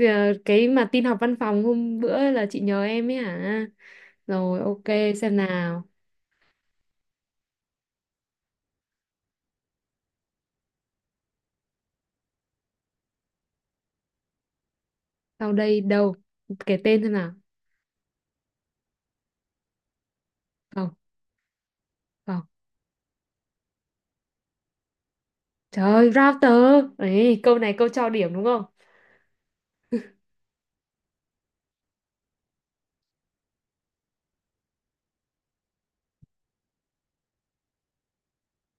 Ờ, cái mà tin học văn phòng hôm bữa là chị nhờ em ấy hả? Rồi, ok, xem nào. Sau đây đâu? Kể tên xem nào. Không, không. Trời ơi, router. Ấy, câu này câu cho điểm đúng không?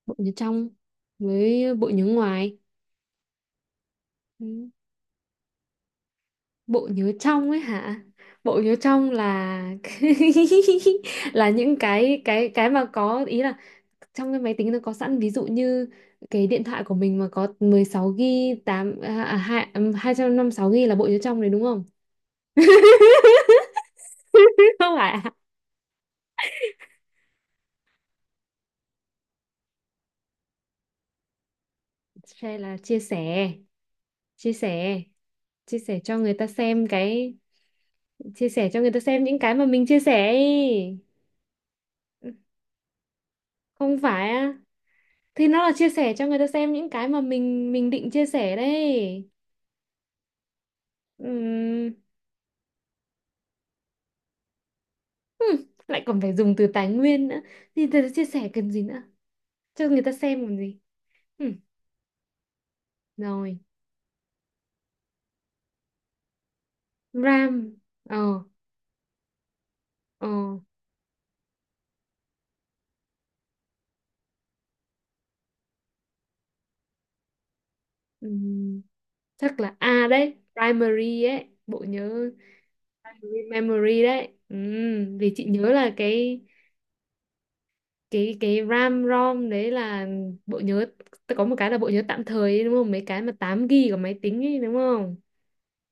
Bộ nhớ trong với bộ nhớ ngoài. Ừ, bộ nhớ trong ấy hả? Bộ nhớ trong là là những cái mà có ý là trong cái máy tính nó có sẵn, ví dụ như cái điện thoại của mình mà có 16 GB 8 à, à, hai- ừm, 256 GB là bộ nhớ trong đấy đúng không? Không phải à? Share là chia sẻ, chia sẻ, chia sẻ cho người ta xem cái, chia sẻ cho người ta xem những cái mà mình chia sẻ ấy. Không phải á? Thì nó là chia sẻ cho người ta xem những cái mà mình định chia sẻ đấy. Ừm, hmm, lại còn phải dùng từ tài nguyên nữa. Thì chia sẻ cần gì nữa? Cho người ta xem còn gì? Rồi RAM. Ờ. Ờ. Ừm, chắc là A đấy, primary ấy, bộ nhớ primary memory đấy. Vì chị nhớ là cái cái RAM ROM đấy là bộ nhớ, ta có một cái là bộ nhớ tạm thời ấy, đúng không, mấy cái mà 8 GB của máy tính ấy đúng không.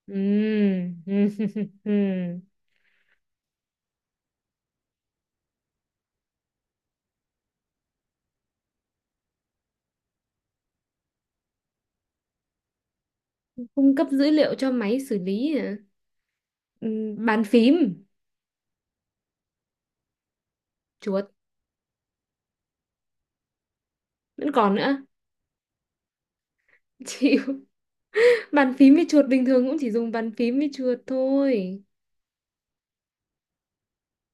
Ừm, ừm. Cung cấp dữ liệu cho máy xử lý hả? Bàn phím. Chuột. Vẫn còn nữa. Chịu. Bàn phím với chuột, bình thường cũng chỉ dùng bàn phím với chuột thôi.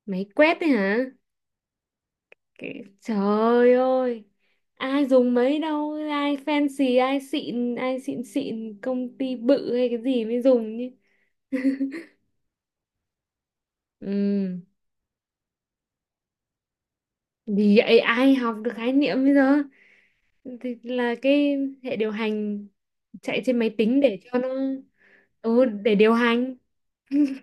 Máy quét đấy hả? Cái... Trời ơi. Ai dùng mấy đâu, ai fancy, ai xịn xịn, công ty bự hay cái gì mới dùng chứ. Ừ. Thì vậy ai học được khái niệm bây giờ? Thì là cái hệ điều hành chạy trên máy tính để cho nó, ừ, để điều hành.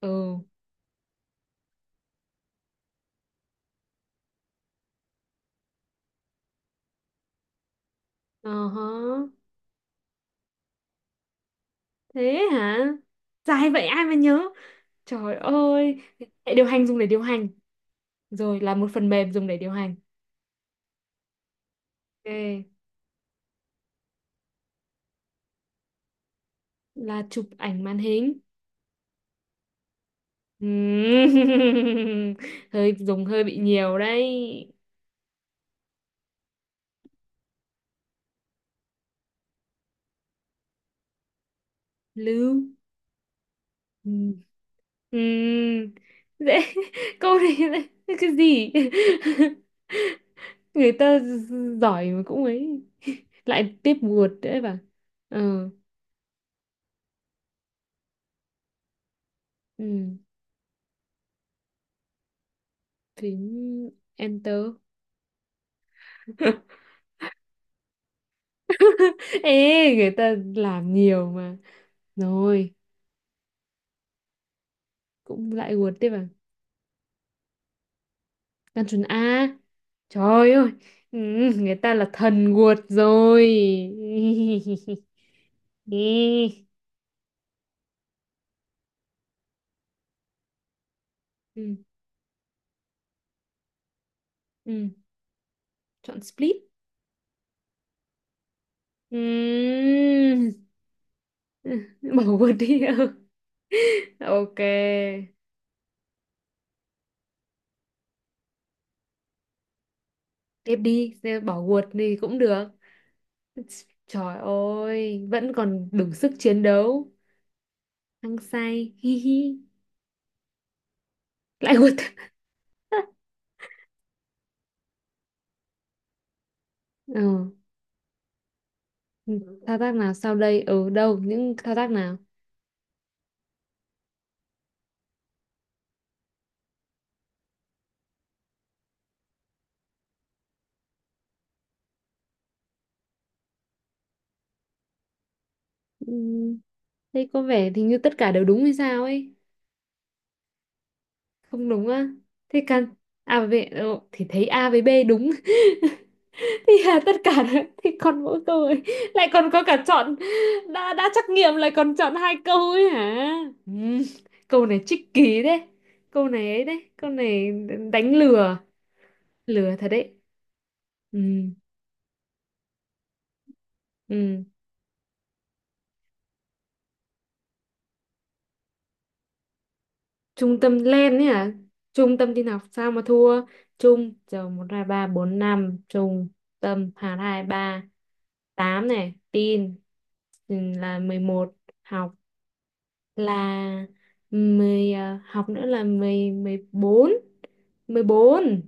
Ừ. Ờ hả? Thế hả? Dài vậy ai mà nhớ? Trời ơi, hệ điều hành dùng để điều hành, rồi là một phần mềm dùng để điều hành. Ok, là chụp ảnh màn hình. Ừm, hơi dùng hơi bị nhiều đấy. Lưu. Ừm, ừm, Dễ. Câu này cái gì? Người ta giỏi mà cũng ấy. Lại tiếp buột đấy bà. Ờ, ừm, phím enter. Ê, người ta làm nhiều mà. Rồi. Cũng lại guột tiếp à. Gan chuẩn A, trời ơi. Ừ, người ta là thần guột rồi. Ê. Ừ. Ừ. Chọn split. Ừ. Bỏ guột đi. Ừ. Ok, tiếp đi, bỏ guột thì cũng được. Trời ơi, vẫn còn đủ sức chiến đấu, hăng say, hi hi. Lại guột. Ừ. Ừ, thao tác nào sau đây, ở đâu, những thao tác nào. Ừ, đây có vẻ thì như tất cả đều đúng hay sao ấy. Không đúng á? Thế căn A với B, ờ, thì thấy A với B đúng. Thì là tất cả đấy, thì còn mỗi câu ấy. Lại còn có cả chọn, đã trắc nghiệm lại còn chọn hai câu ấy hả. Ừ, câu này tricky kỳ đấy, câu này đánh lừa, lừa thật đấy. Ừ. Ừ. Trung tâm lên ấy hả? Trung tâm tin học sao mà thua? Trung, giờ một hai ba bốn năm, trung tâm hạt, hai ba tám này, tin, ừ, là mười một, học là mười, à, học nữa là mười, mười bốn, mười bốn.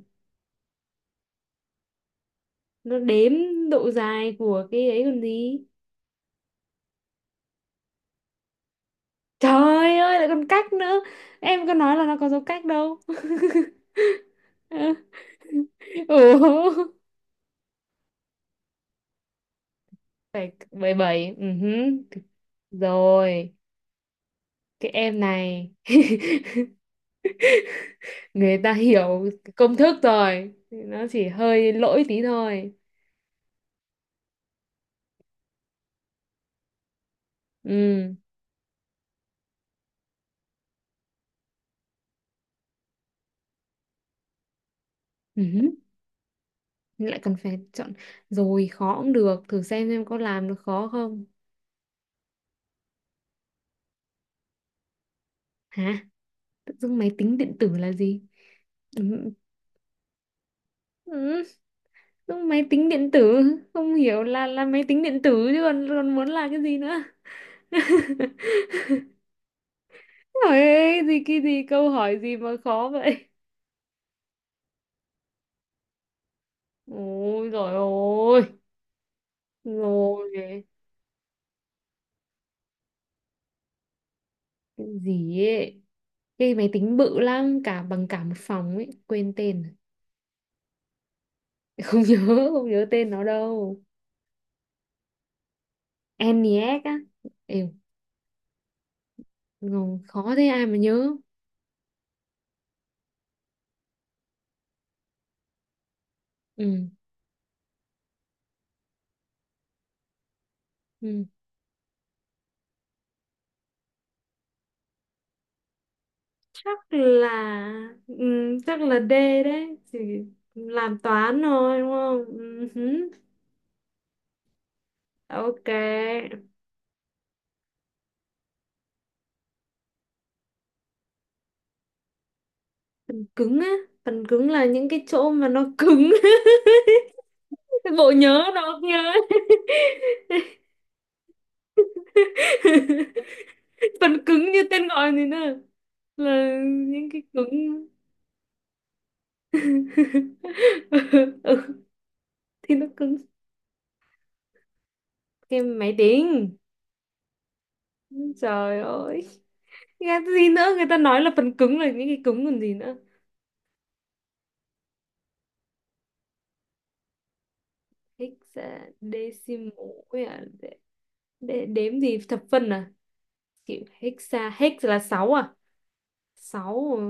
Nó đếm độ dài của cái ấy còn gì. Trời ơi, lại còn cách nữa, em có nói là nó có dấu cách đâu. Ủa. Phải bảy bảy. Ừ hứ. Rồi. Cái em này. Người ta hiểu công thức rồi, nó chỉ hơi lỗi tí thôi. Ừ. Ừ hứ. Lại còn phải chọn. Rồi, khó cũng được, thử xem có làm được khó không. Hả? Tự dưng máy tính điện tử là gì. Ừ. Ừ. Tự dưng máy tính điện tử, không hiểu là máy tính điện tử chứ còn, còn muốn là cái gì nữa. Ôi, gì cái gì câu hỏi gì mà khó vậy. Ôi rồi ơi, rồi cái gì ấy. Cái máy tính bự lắm, cả bằng cả một phòng ấy, quên tên. Rồi. Không nhớ, không nhớ tên nó đâu. ENIAC á. Ê, ngầu, khó thế ai mà nhớ. Ừ, ừ. Chắc là, ừ, chắc là D đấy, chỉ làm toán thôi đúng không. Ừ hứ. Ok. Phần cứng á, phần cứng là những cái chỗ mà nó cứng. Bộ nhớ nó nhớ. Phần cứng như tên gọi này nè, là những cái cứng. Ừ, thì nó cứng. Cái máy tính. Trời ơi, nghe gì nữa, người ta nói là phần cứng là những cái cứng còn gì nữa. Hexadecimal ấy à? Đếm gì, thập phân à? Kiểu hexa, hex là sáu à? Sáu, ờ,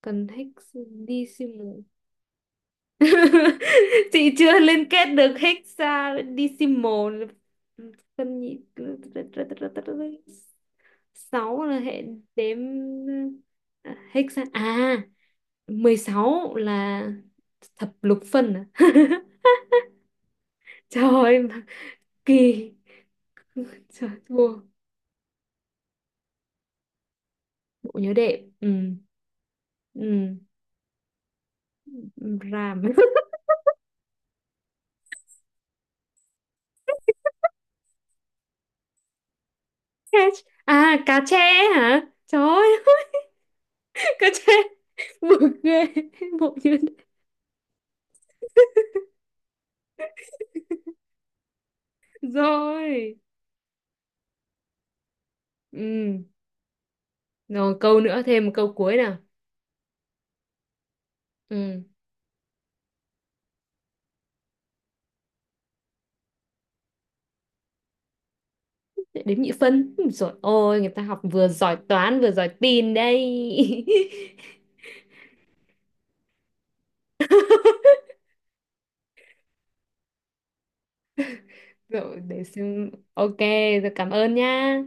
cần hex decimal. Chị chưa liên kết được hexadecimal, phân nhị, sáu là hệ đếm. À, hexa à, 16 là thập lục phân à? Trời ơi, mà kỳ. Trời thua. Bộ nhớ đệm. Ừ. Ừ. Ram. Cache. À, cá tre hả, trời ơi. Cá tre, buồn ghê, bộ nhớ đệm. Rồi. Ừ. Rồi câu nữa, thêm một câu cuối nào. Ừ. Đếm nhị phân. Ui dồi ôi, người ta học vừa giỏi toán vừa giỏi tin đây. Rồi để xem. Ok, rồi cảm ơn nha.